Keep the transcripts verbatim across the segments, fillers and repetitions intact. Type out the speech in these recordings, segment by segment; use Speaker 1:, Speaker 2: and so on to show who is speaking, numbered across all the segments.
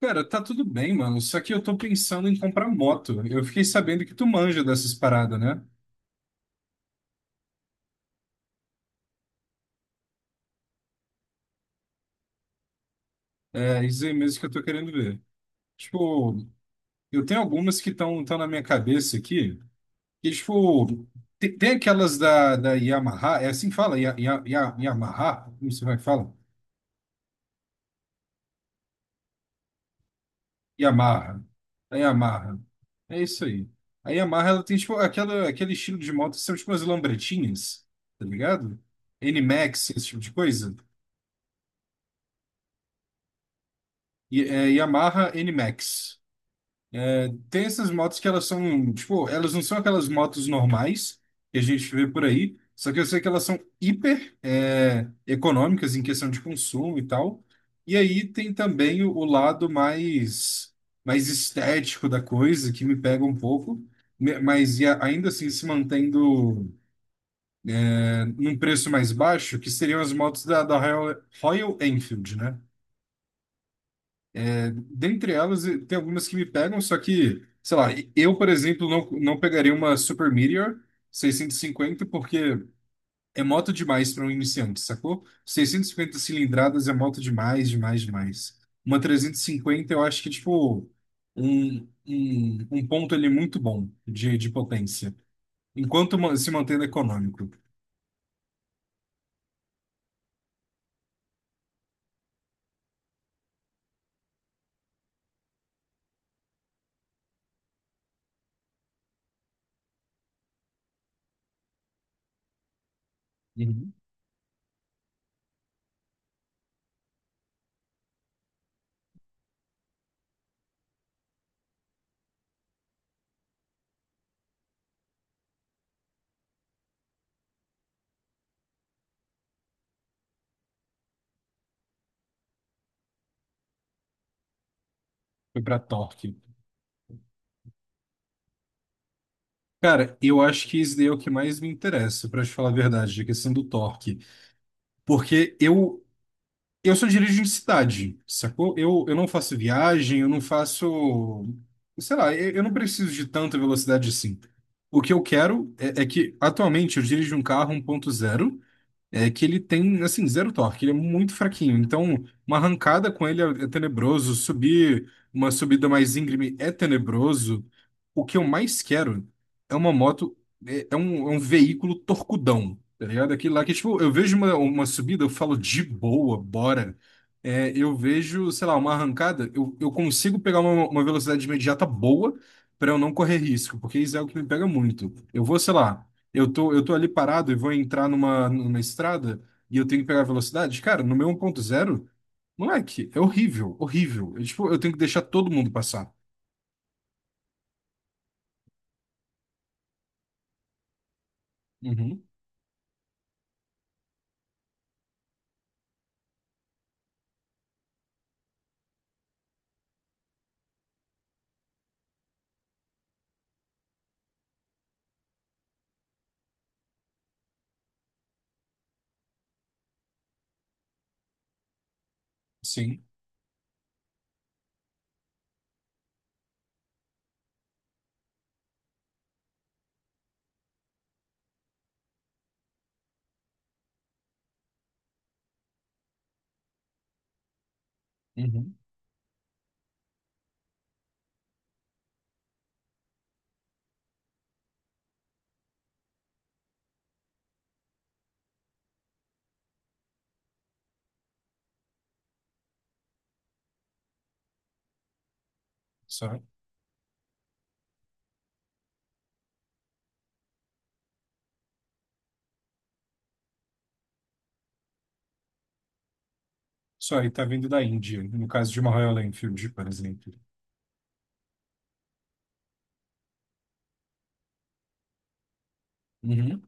Speaker 1: Cara, tá tudo bem, mano. Só que eu tô pensando em comprar moto. Eu fiquei sabendo que tu manja dessas paradas, né? É isso aí mesmo que eu tô querendo ver. Tipo, eu tenho algumas que estão tão tão na minha cabeça aqui. Que, tipo, te- tem, aquelas da, da Yamaha. É assim que fala? Ya, ya, ya, Yamaha? Como você vai falar? Fala? Yamaha. A Yamaha. É isso aí. A Yamaha, ela tem, tipo, aquela, aquele estilo de moto que são, tipo, as lambretinhas, tá ligado? N-Max, esse tipo de coisa. E- é, Yamaha N max. É, tem essas motos que elas são, tipo, elas não são aquelas motos normais que a gente vê por aí, só que eu sei que elas são hiper é, econômicas em questão de consumo e tal. E aí tem também o, o lado mais, mais estético da coisa, que me pega um pouco, me- mas e a- ainda assim se mantendo é, num preço mais baixo, que seriam as motos da, da Royal, Royal Enfield, né? Dentre elas, eh, tem algumas que me pegam, só que, sei lá, eu, por exemplo, não, não pegaria uma Super Meteor seiscentos e cinquenta porque é moto demais para um iniciante, sacou? seiscentos e cinquenta cilindradas é moto demais, demais, demais. Uma trezentos e cinquenta eu acho que é, tipo, um, um, um ponto ali muito bom de, de potência, enquanto ma- se mantendo econômico. Uhum. Foi para torque. Cara, eu acho que isso daí é o que mais me interessa, para te falar a verdade, a questão do torque. Porque eu Eu só dirijo em cidade, sacou? Eu, eu não faço viagem, eu não faço. Sei lá, eu, eu não preciso de tanta velocidade assim. O que eu quero é, é que, atualmente, eu dirijo um carro um ponto zero é que ele tem, assim, zero torque, ele é muito fraquinho. Então, uma arrancada com ele é, é tenebroso, subir uma subida mais íngreme é tenebroso. O que eu mais quero é uma moto, é, é um, é um veículo torcudão, tá ligado? Aquele lá que, tipo, eu vejo uma, uma subida, eu falo de boa, bora. É, eu vejo, sei lá, uma arrancada, eu, eu consigo pegar uma, uma velocidade imediata boa para eu não correr risco, porque isso é o que me pega muito. Eu vou, sei lá. Eu tô, eu tô ali parado e vou entrar numa, numa estrada e eu tenho que pegar velocidade. Cara, no meu um ponto zero, moleque, é horrível, horrível. Eu, tipo, eu tenho que deixar todo mundo passar. Uhum, sim, uhum, só. Só aí tá vindo da Índia, no caso de uma Royal Enfield, por exemplo. Uhum,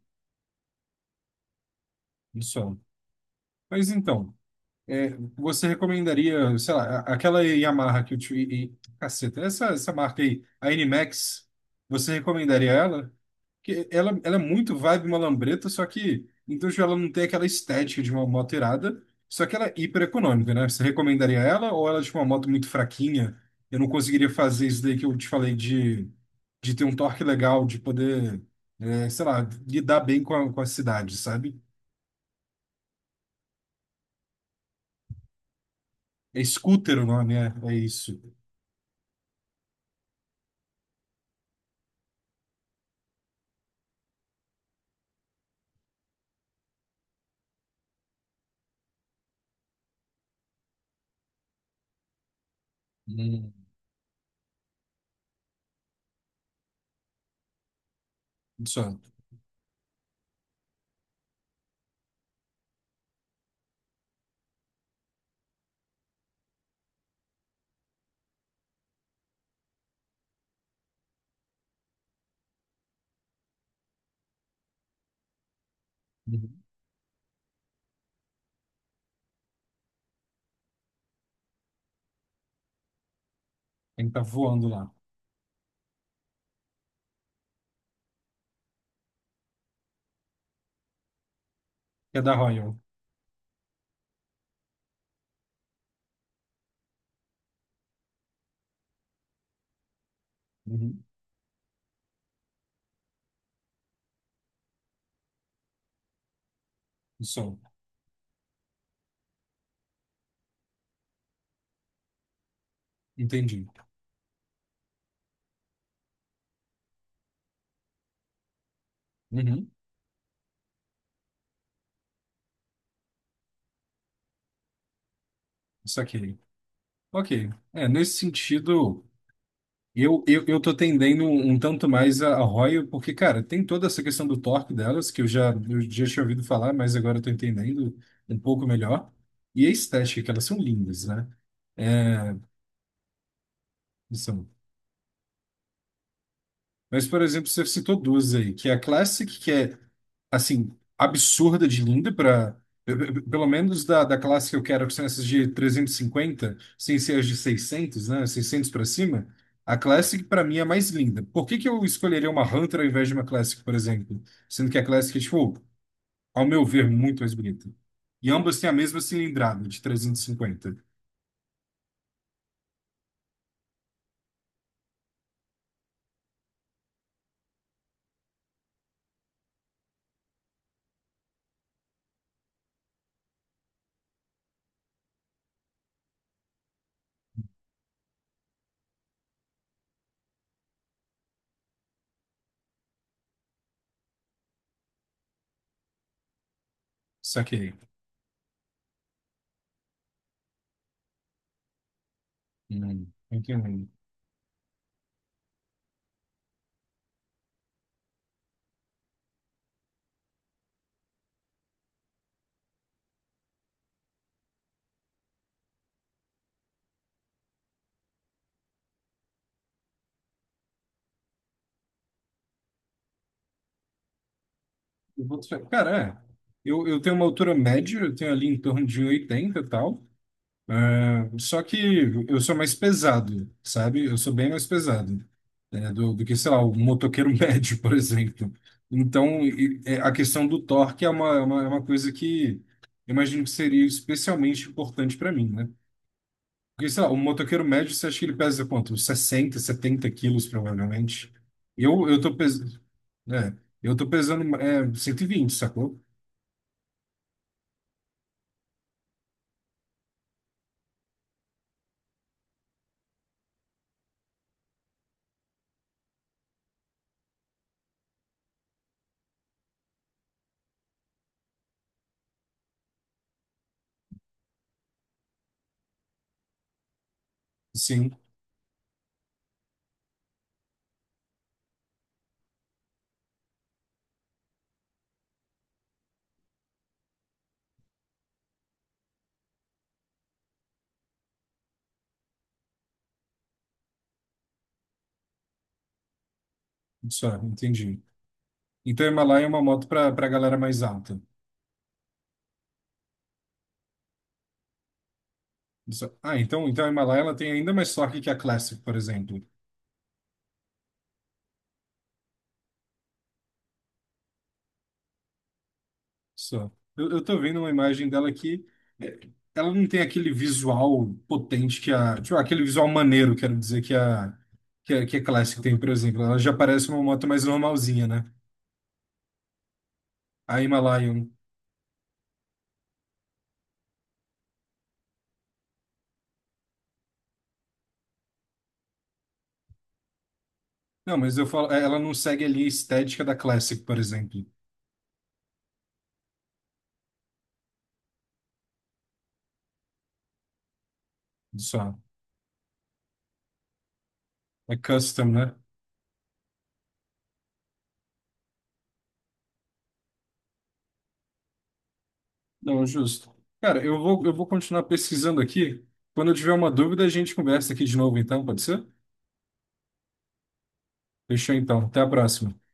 Speaker 1: só. Mas então, é, você recomendaria, sei lá, a- aquela Yamaha que eu te... e- Caceta, essa, essa marca aí, a N max, você recomendaria ela? Porque ela, ela é muito vibe malambreta, só que, então já ela não tem aquela estética de uma moto irada, só que ela é hiper econômica, né? Você recomendaria ela ou ela é tipo uma moto muito fraquinha? Eu não conseguiria fazer isso daí que eu te falei de, de ter um torque legal, de poder, é, sei lá, lidar bem com a, com a cidade, sabe? É scooter o nome, é, é isso. Do Sun. Uhum. Tem que estar voando lá. É da Royal. Uhum. Do Sol. Entendi. Uhum. Isso aqui. Ok. É, nesse sentido, eu, eu, eu tô tendendo um um tanto mais a, a Royal, porque, cara, tem toda essa questão do torque delas, que eu já, eu já tinha ouvido falar, mas agora eu tô entendendo um pouco melhor. E a estética, que elas são lindas, né? É. São. Mas, por exemplo, você citou duas aí, que é a Classic, que é assim, absurda de linda para pelo menos da, da classe que eu quero, que são essas de trezentos e cinquenta, sem ser as de seiscentos, né, seiscentos para cima, a Classic para mim é a mais linda. Por que que eu escolheria uma Hunter ao invés de uma Classic, por exemplo? Sendo que a Classic é, tipo, ao meu ver, muito mais bonita. E ambas têm a mesma cilindrada de trezentos e cinquenta. Saquei. Hum. Entendi. Eu vou te- Cara, é. Eu, eu tenho uma altura média, eu tenho ali em torno de um e oitenta e oitenta e tal. É, só que eu sou mais pesado, sabe? Eu sou bem mais pesado, né, do, do que, sei lá, o motoqueiro médio, por exemplo. Então, e- é, a questão do torque é uma, é uma, é uma coisa que eu imagino que seria especialmente importante para mim, né? Porque, sei lá, o motoqueiro médio, você acha que ele pesa quanto? sessenta, setenta quilos, provavelmente. Eu, eu tô pesando... É, eu tô pesando é, cento e vinte, sacou? Sim, só, entendi. Então, a Himalaia é uma moto para para galera mais alta. Só- Ah, então, então a Himalaia ela tem ainda mais torque que a Classic, por exemplo. Só. Eu, eu tô vendo uma imagem dela que é, ela não tem aquele visual potente que a. Tipo, aquele visual maneiro, quero dizer, que a, que a, que a Classic tem, por exemplo. Ela já parece uma moto mais normalzinha, né? A Himalayan. Não, mas eu falo, é, ela não segue ali a estética da Classic, por exemplo. Só. É custom, né? Não, justo. Cara, eu vou, eu vou continuar pesquisando aqui. Quando eu tiver uma dúvida, a gente conversa aqui de novo, então, pode ser? Fechou então. Até a próxima.